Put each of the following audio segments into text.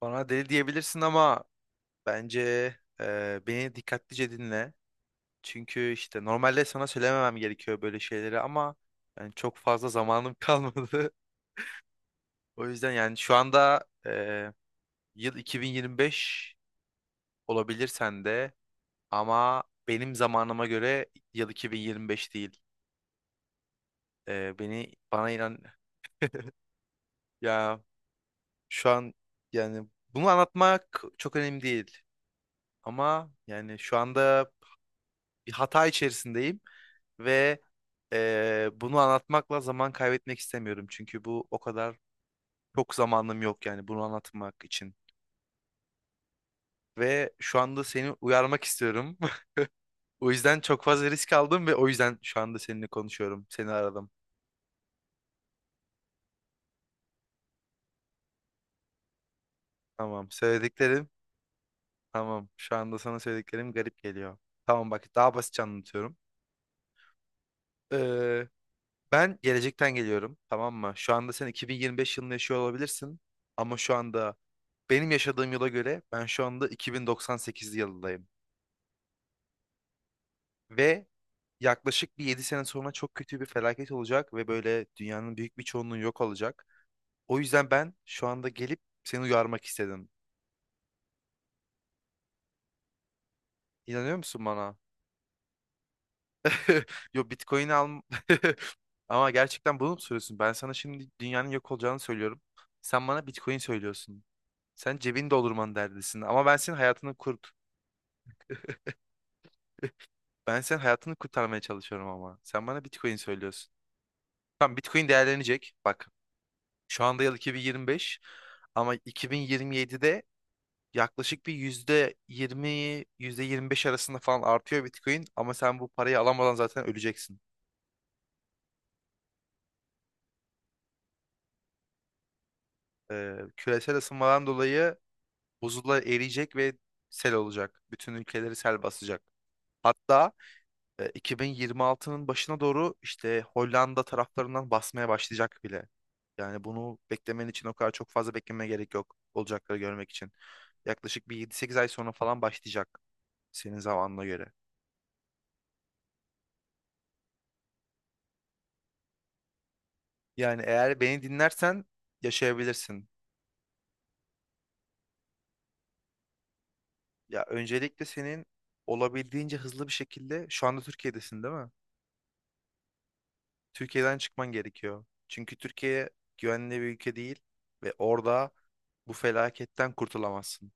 Bana deli diyebilirsin ama bence beni dikkatlice dinle. Çünkü işte normalde sana söylememem gerekiyor böyle şeyleri ama yani çok fazla zamanım kalmadı. O yüzden yani şu anda yıl 2025 olabilir sende ama benim zamanıma göre yıl 2025 değil. E, beni bana inan ya şu an yani bunu anlatmak çok önemli değil. Ama yani şu anda bir hata içerisindeyim ve bunu anlatmakla zaman kaybetmek istemiyorum. Çünkü bu o kadar çok zamanım yok yani bunu anlatmak için. Ve şu anda seni uyarmak istiyorum. O yüzden çok fazla risk aldım ve o yüzden şu anda seninle konuşuyorum. Seni aradım. Tamam. Söylediklerim. Tamam, şu anda sana söylediklerim garip geliyor. Tamam bak, daha basitçe anlatıyorum. Eee, ben gelecekten geliyorum. Tamam mı? Şu anda sen 2025 yılında yaşıyor olabilirsin. Ama şu anda benim yaşadığım yıla göre ben şu anda 2098 yılındayım. Ve yaklaşık bir 7 sene sonra çok kötü bir felaket olacak ve böyle dünyanın büyük bir çoğunluğu yok olacak. O yüzden ben şu anda gelip seni uyarmak istedim. İnanıyor musun bana? Yo, Bitcoin al. Ama gerçekten bunu mu söylüyorsun? Ben sana şimdi dünyanın yok olacağını söylüyorum. Sen bana Bitcoin söylüyorsun. Sen cebini doldurman derdisin ama ben senin hayatını kurt. Ben senin hayatını kurtarmaya çalışıyorum ama. Sen bana Bitcoin söylüyorsun. Tamam, Bitcoin değerlenecek. Bak, şu anda yıl 2025 ama 2027'de yaklaşık bir %20, yüzde yirmi beş arasında falan artıyor Bitcoin. Ama sen bu parayı alamadan zaten öleceksin. Küresel ısınmadan dolayı buzullar eriyecek ve sel olacak. Bütün ülkeleri sel basacak. Hatta 2026'nın başına doğru işte Hollanda taraflarından basmaya başlayacak bile. Yani bunu beklemen için o kadar çok fazla beklemeye gerek yok, olacakları görmek için. Yaklaşık bir 7-8 ay sonra falan başlayacak, senin zamanına göre. Yani eğer beni dinlersen yaşayabilirsin. Ya öncelikle senin olabildiğince hızlı bir şekilde, şu anda Türkiye'desin değil mi? Türkiye'den çıkman gerekiyor. Çünkü Türkiye güvenli bir ülke değil ve orada bu felaketten kurtulamazsın.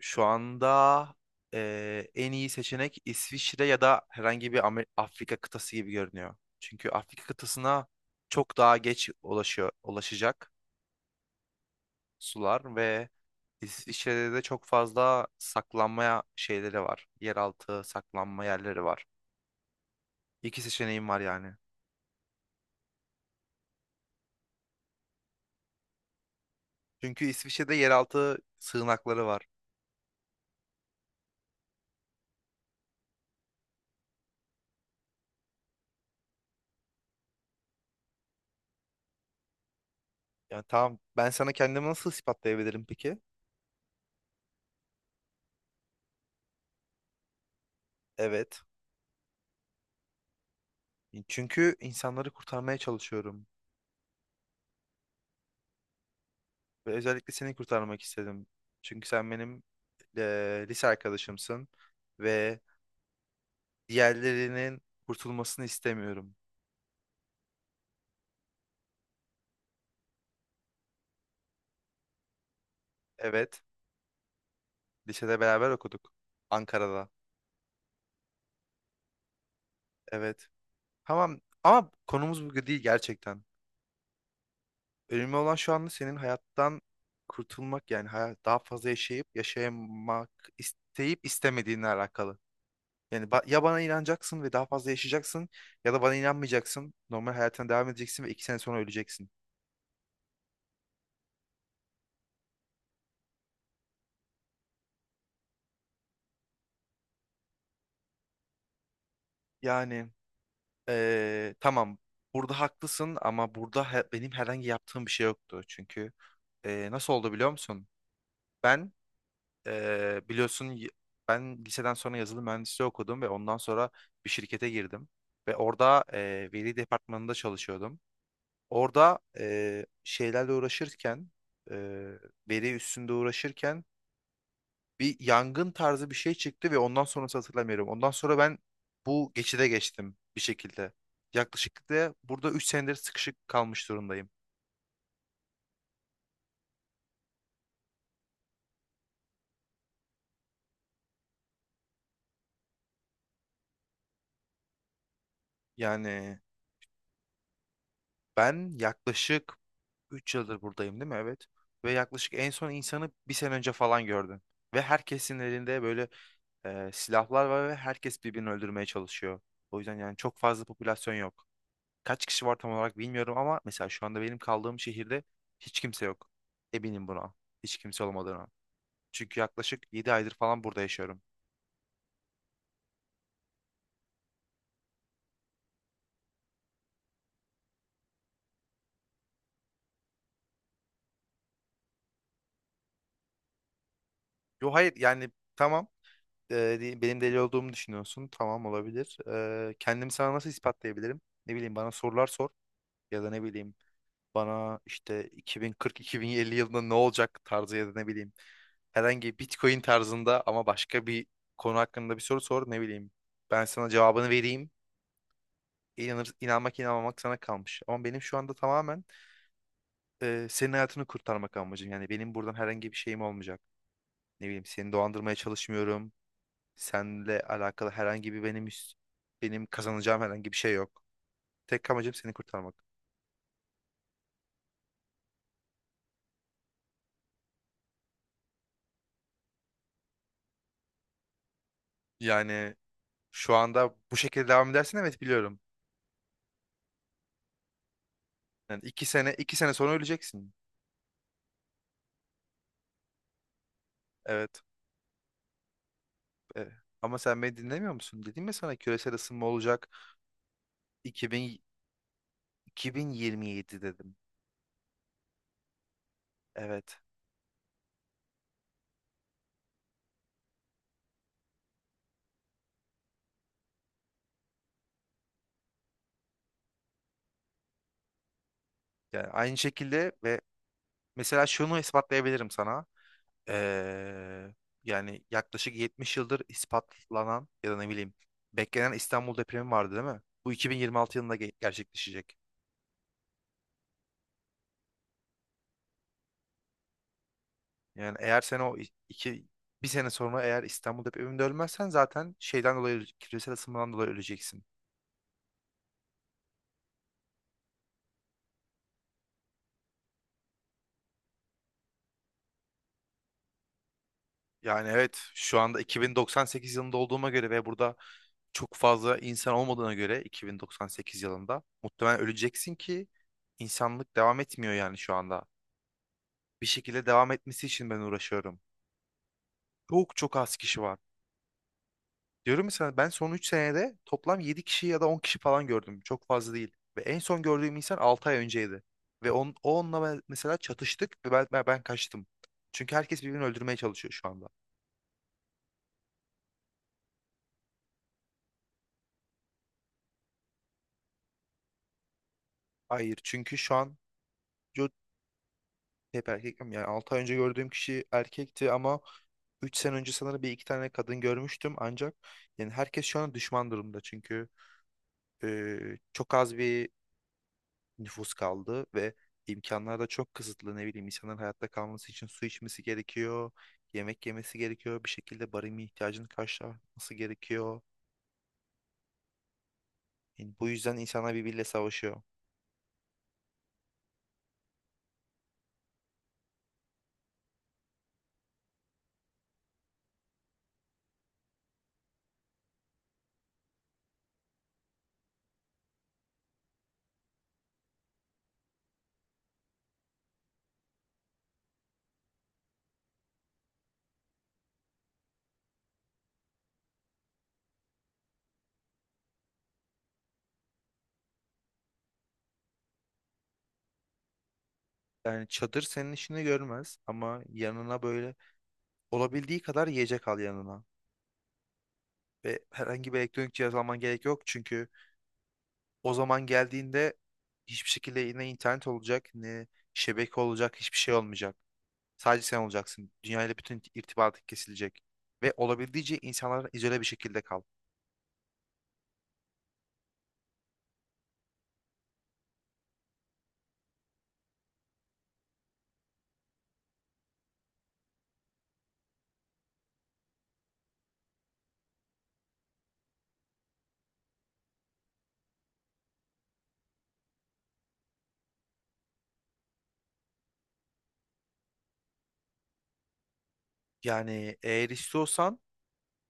Şu anda en iyi seçenek İsviçre ya da herhangi bir Afrika kıtası gibi görünüyor. Çünkü Afrika kıtasına çok daha geç ulaşacak sular ve İsviçre'de de çok fazla saklanmaya şeyleri var. Yeraltı saklanma yerleri var. İki seçeneğim var yani. Çünkü İsviçre'de yeraltı sığınakları var. Yani tamam, ben sana kendimi nasıl ispatlayabilirim peki? Evet. Çünkü insanları kurtarmaya çalışıyorum. Ve özellikle seni kurtarmak istedim. Çünkü sen benim lise arkadaşımsın. Ve diğerlerinin kurtulmasını istemiyorum. Evet. Lisede beraber okuduk. Ankara'da. Evet. Tamam ama konumuz bu değil gerçekten. Önemli olan şu anda senin hayattan kurtulmak, yani hayat daha fazla yaşayıp yaşamak isteyip istemediğinle alakalı. Yani ya bana inanacaksın ve daha fazla yaşayacaksın ya da bana inanmayacaksın. Normal hayatına devam edeceksin ve 2 sene sonra öleceksin. Yani tamam, burada haklısın ama burada benim herhangi yaptığım bir şey yoktu. Çünkü nasıl oldu biliyor musun? Ben Ee, biliyorsun y- ben liseden sonra yazılım mühendisliği okudum ve ondan sonra bir şirkete girdim. Ve orada veri departmanında çalışıyordum. Orada şeylerle uğraşırken, e, veri üstünde uğraşırken bir yangın tarzı bir şey çıktı ve ondan sonrası hatırlamıyorum. Ondan sonra ben bu geçide geçtim bir şekilde. Yaklaşık da burada 3 senedir sıkışık kalmış durumdayım. Yani ben yaklaşık üç yıldır buradayım değil mi? Evet. Ve yaklaşık en son insanı bir sene önce falan gördüm. Ve herkesin elinde böyle silahlar var ve herkes birbirini öldürmeye çalışıyor. O yüzden yani çok fazla popülasyon yok. Kaç kişi var tam olarak bilmiyorum ama mesela şu anda benim kaldığım şehirde hiç kimse yok. Eminim buna. Hiç kimse olmadığına. Çünkü yaklaşık 7 aydır falan burada yaşıyorum. Yo, hayır yani, tamam. Benim deli olduğumu düşünüyorsun. Tamam, olabilir. Kendimi sana nasıl ispatlayabilirim? Ne bileyim, bana sorular sor. Ya da ne bileyim, bana işte 2040-2050 yılında ne olacak tarzı ya da ne bileyim, herhangi Bitcoin tarzında ama başka bir konu hakkında bir soru sor ne bileyim. Ben sana cevabını vereyim. İnanır, inanmak inanmamak sana kalmış. Ama benim şu anda tamamen senin hayatını kurtarmak amacım. Yani benim buradan herhangi bir şeyim olmayacak. Ne bileyim, seni dolandırmaya çalışmıyorum. Seninle alakalı herhangi bir benim kazanacağım herhangi bir şey yok. Tek amacım seni kurtarmak. Yani şu anda bu şekilde devam edersen evet, biliyorum. Yani iki sene sonra öleceksin. Evet. E, ama sen beni dinlemiyor musun? Dedim ya sana, küresel ısınma olacak. 2000, 2027 dedim. Evet. Yani aynı şekilde ve mesela şunu ispatlayabilirim sana. Ee, yani yaklaşık 70 yıldır ispatlanan ya da ne bileyim beklenen İstanbul depremi vardı değil mi? Bu 2026 yılında gerçekleşecek. Yani eğer sen o i- iki bir sene sonra eğer İstanbul depreminde ölmezsen zaten şeyden dolayı, küresel ısınmadan dolayı öleceksin. Yani evet, şu anda 2098 yılında olduğuma göre ve burada çok fazla insan olmadığına göre 2098 yılında muhtemelen öleceksin ki insanlık devam etmiyor yani şu anda. Bir şekilde devam etmesi için ben uğraşıyorum. Çok çok az kişi var. Diyorum ya sana, ben son 3 senede toplam 7 kişi ya da 10 kişi falan gördüm. Çok fazla değil. Ve en son gördüğüm insan 6 ay önceydi. Ve on, o onunla mesela çatıştık ve ben, ben ben kaçtım. Çünkü herkes birbirini öldürmeye çalışıyor şu anda. Hayır, çünkü şu an hep erkek mi? Yani 6 ay önce gördüğüm kişi erkekti ama 3 sene önce sanırım bir iki tane kadın görmüştüm, ancak yani herkes şu an düşman durumda. Çünkü e, çok az bir nüfus kaldı ve imkanlar da çok kısıtlı. Ne bileyim, insanların hayatta kalması için su içmesi gerekiyor, yemek yemesi gerekiyor, bir şekilde barınma ihtiyacını karşılaması gerekiyor. Yani bu yüzden insanlar birbiriyle savaşıyor. Yani çadır senin işini görmez ama yanına böyle olabildiği kadar yiyecek al yanına. Ve herhangi bir elektronik cihaz alman gerek yok. Çünkü o zaman geldiğinde hiçbir şekilde ne internet olacak ne şebeke olacak, hiçbir şey olmayacak. Sadece sen olacaksın. Dünyayla bütün irtibatın kesilecek. Ve olabildiğince insanlardan izole bir şekilde kal. Yani eğer istiyorsan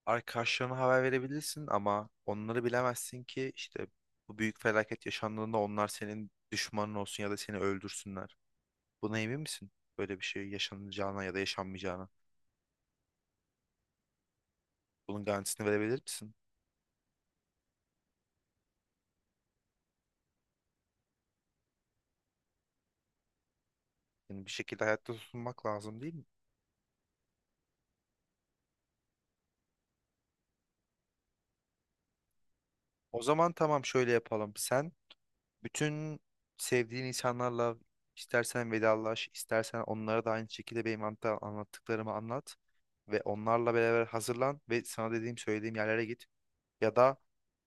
arkadaşlarına haber verebilirsin ama onları bilemezsin ki işte bu büyük felaket yaşandığında onlar senin düşmanın olsun ya da seni öldürsünler. Buna emin misin? Böyle bir şey yaşanacağına ya da yaşanmayacağına. Bunun garantisini verebilir misin? Yani bir şekilde hayatta tutunmak lazım değil mi? O zaman tamam, şöyle yapalım. Sen bütün sevdiğin insanlarla istersen vedalaş, istersen onlara da aynı şekilde benim anlattıklarımı anlat ve onlarla beraber hazırlan ve sana söylediğim yerlere git. Ya da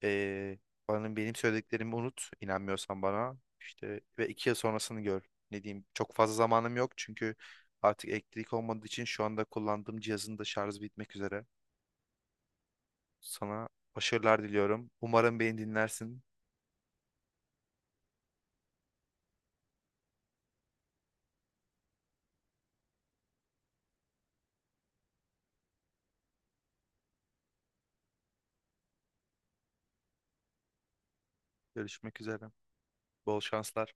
eee bana benim söylediklerimi unut, inanmıyorsan bana işte, ve 2 yıl sonrasını gör. Ne diyeyim? Çok fazla zamanım yok çünkü artık elektrik olmadığı için şu anda kullandığım cihazın da şarjı bitmek üzere. Sana başarılar diliyorum. Umarım beni dinlersin. Görüşmek üzere. Bol şanslar.